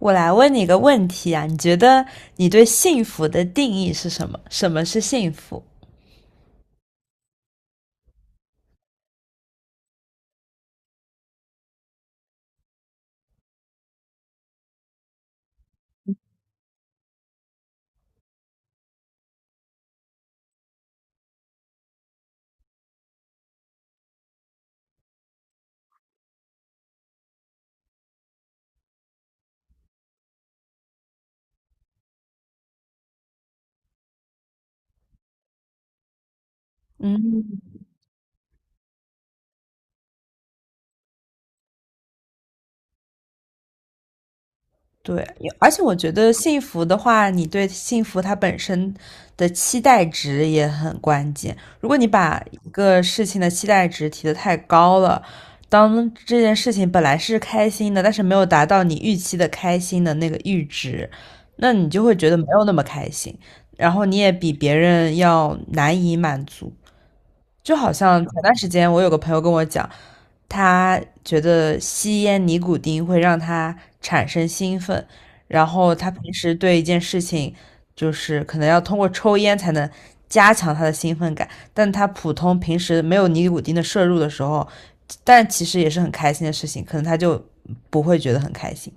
我来问你一个问题啊，你觉得你对幸福的定义是什么？什么是幸福？嗯，对，有而且我觉得幸福的话，你对幸福它本身的期待值也很关键。如果你把一个事情的期待值提得太高了，当这件事情本来是开心的，但是没有达到你预期的开心的那个阈值，那你就会觉得没有那么开心，然后你也比别人要难以满足。就好像前段时间我有个朋友跟我讲，他觉得吸烟尼古丁会让他产生兴奋，然后他平时对一件事情，就是可能要通过抽烟才能加强他的兴奋感，但他普通平时没有尼古丁的摄入的时候，但其实也是很开心的事情，可能他就不会觉得很开心。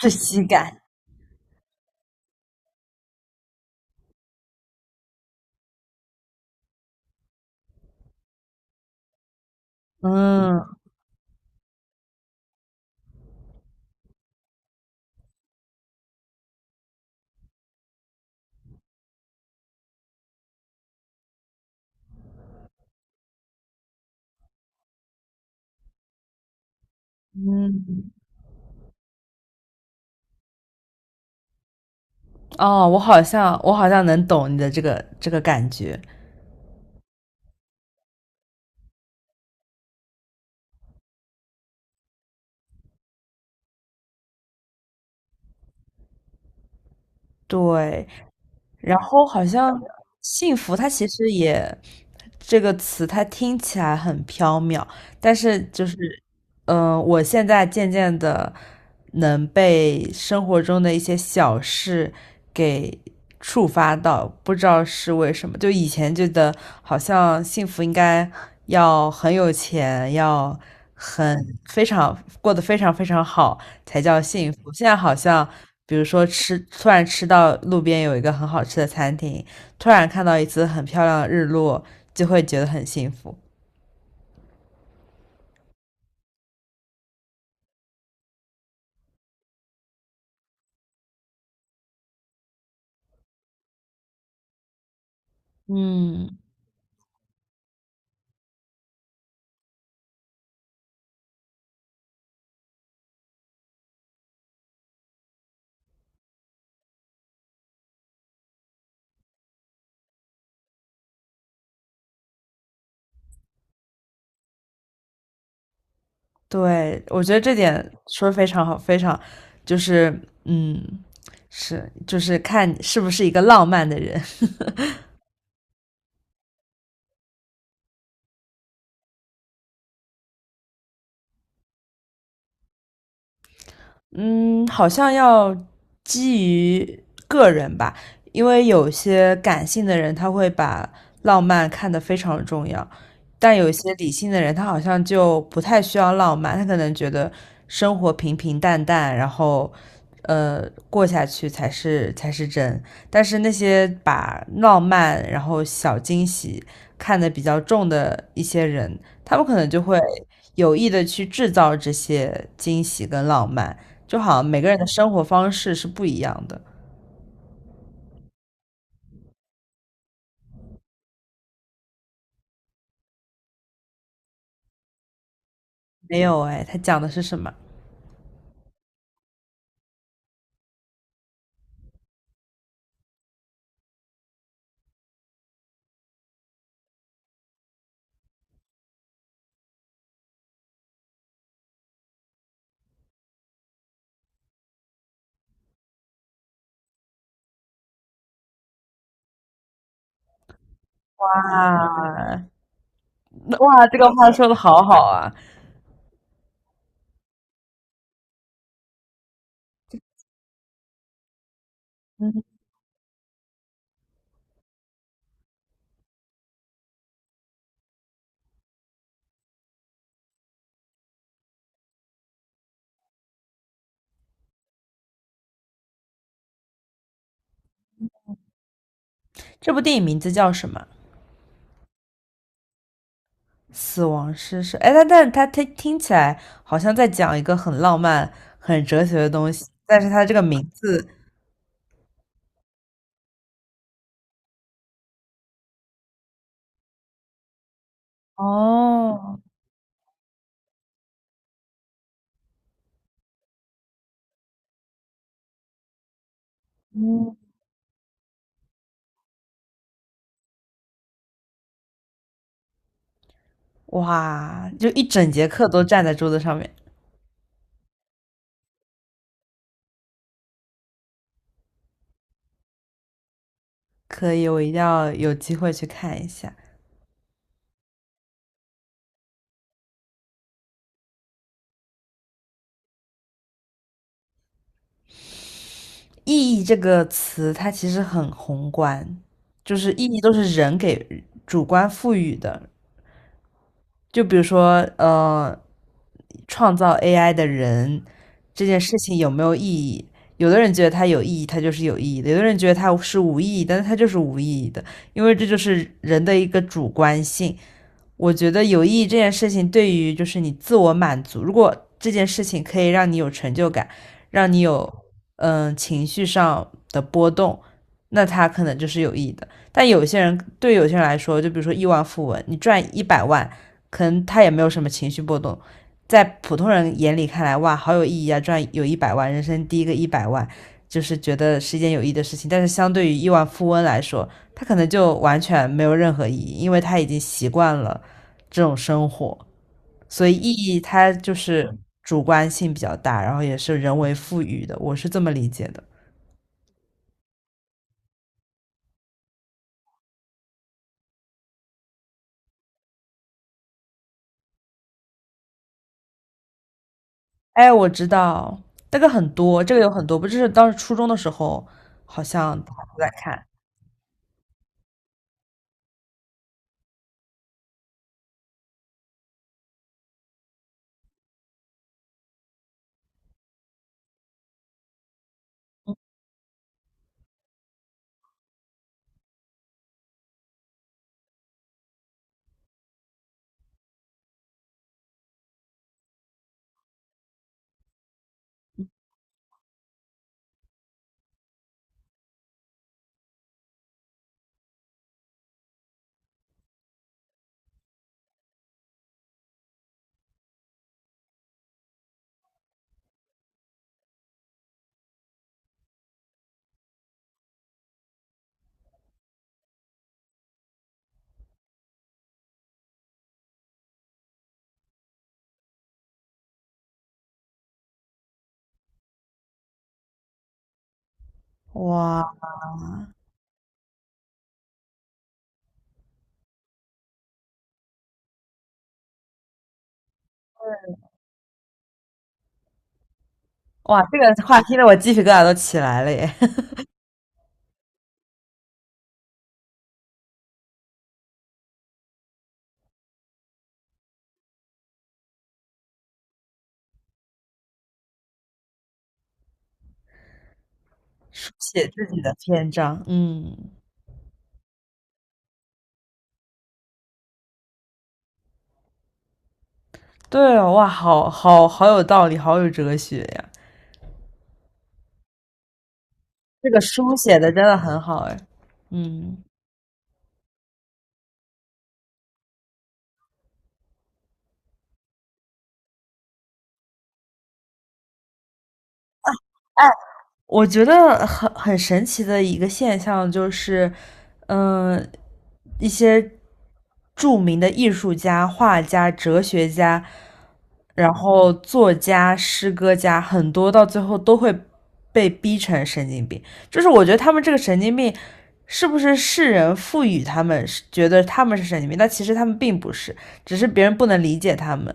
窒息感。嗯嗯。哦，我好像我好像能懂你的这个这个感觉。对。然后好像幸福，它其实也这个词，它听起来很缥缈，但是我现在渐渐的能被生活中的一些小事给触发到，不知道是为什么。就以前觉得好像幸福应该要很有钱，要很非常过得非常非常好才叫幸福。现在好像，比如说吃，突然吃到路边有一个很好吃的餐厅，突然看到一次很漂亮的日落，就会觉得很幸福。嗯，对，我觉得这点说的非常好，非常就是嗯，是就是看你是不是一个浪漫的人。嗯，好像要基于个人吧，因为有些感性的人他会把浪漫看得非常重要，但有一些理性的人他好像就不太需要浪漫，他可能觉得生活平平淡淡，然后过下去才是才是真。但是那些把浪漫然后小惊喜看得比较重的一些人，他们可能就会有意的去制造这些惊喜跟浪漫。就好像每个人的生活方式是不一样的。没有哎，他讲的是什么？哇哇，这个话说的好好啊 嗯。这部电影名字叫什么？死亡诗社。哎，他但是他听起来好像在讲一个很浪漫、很哲学的东西，但是他这个名字，哦。嗯。哇，就一整节课都站在桌子上面。可以，我一定要有机会去看一下。意义这个词，它其实很宏观，就是意义都是人给主观赋予的。就比如说，创造 AI 的人这件事情有没有意义？有的人觉得它有意义，它就是有意义的；有的人觉得它是无意义，但是它就是无意义的，因为这就是人的一个主观性。我觉得有意义这件事情对于就是你自我满足，如果这件事情可以让你有成就感，让你有情绪上的波动，那它可能就是有意义的。但有些人对有些人来说，就比如说亿万富翁，你赚一百万，可能他也没有什么情绪波动。在普通人眼里看来，哇，好有意义啊！赚有一百万，人生第一个一百万，就是觉得是一件有意义的事情。但是相对于亿万富翁来说，他可能就完全没有任何意义，因为他已经习惯了这种生活，所以意义它就是主观性比较大，然后也是人为赋予的，我是这么理解的。哎，我知道这个很多，这个有很多，不就是当时初中的时候好像大家都在看。哇哇，这个话听得我鸡皮疙瘩都起来了耶！书写自己的篇章。嗯。对哦，哇，好好有道理，好有哲学呀。这个书写的真的很好哎。嗯。哎我觉得很很神奇的一个现象就是，嗯、一些著名的艺术家、画家、哲学家，然后作家、诗歌家，很多到最后都会被逼成神经病。就是我觉得他们这个神经病，是不是世人赋予他们是觉得他们是神经病，但其实他们并不是，只是别人不能理解他们，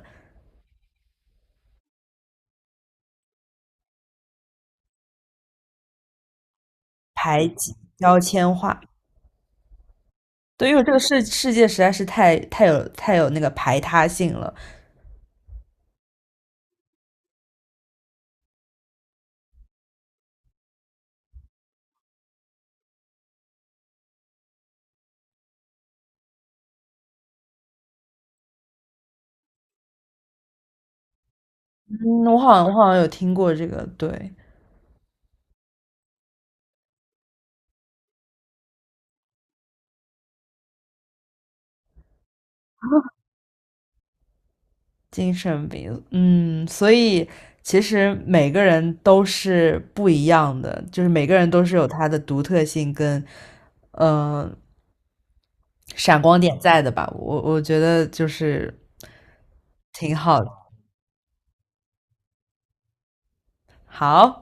排挤、标签化。对，因为这个世界实在是太有太有那个排他性了。嗯，我好像我好像有听过这个，对。精神病。嗯，所以其实每个人都是不一样的，就是每个人都是有他的独特性跟呃闪光点在的吧。我觉得就是挺好的。好。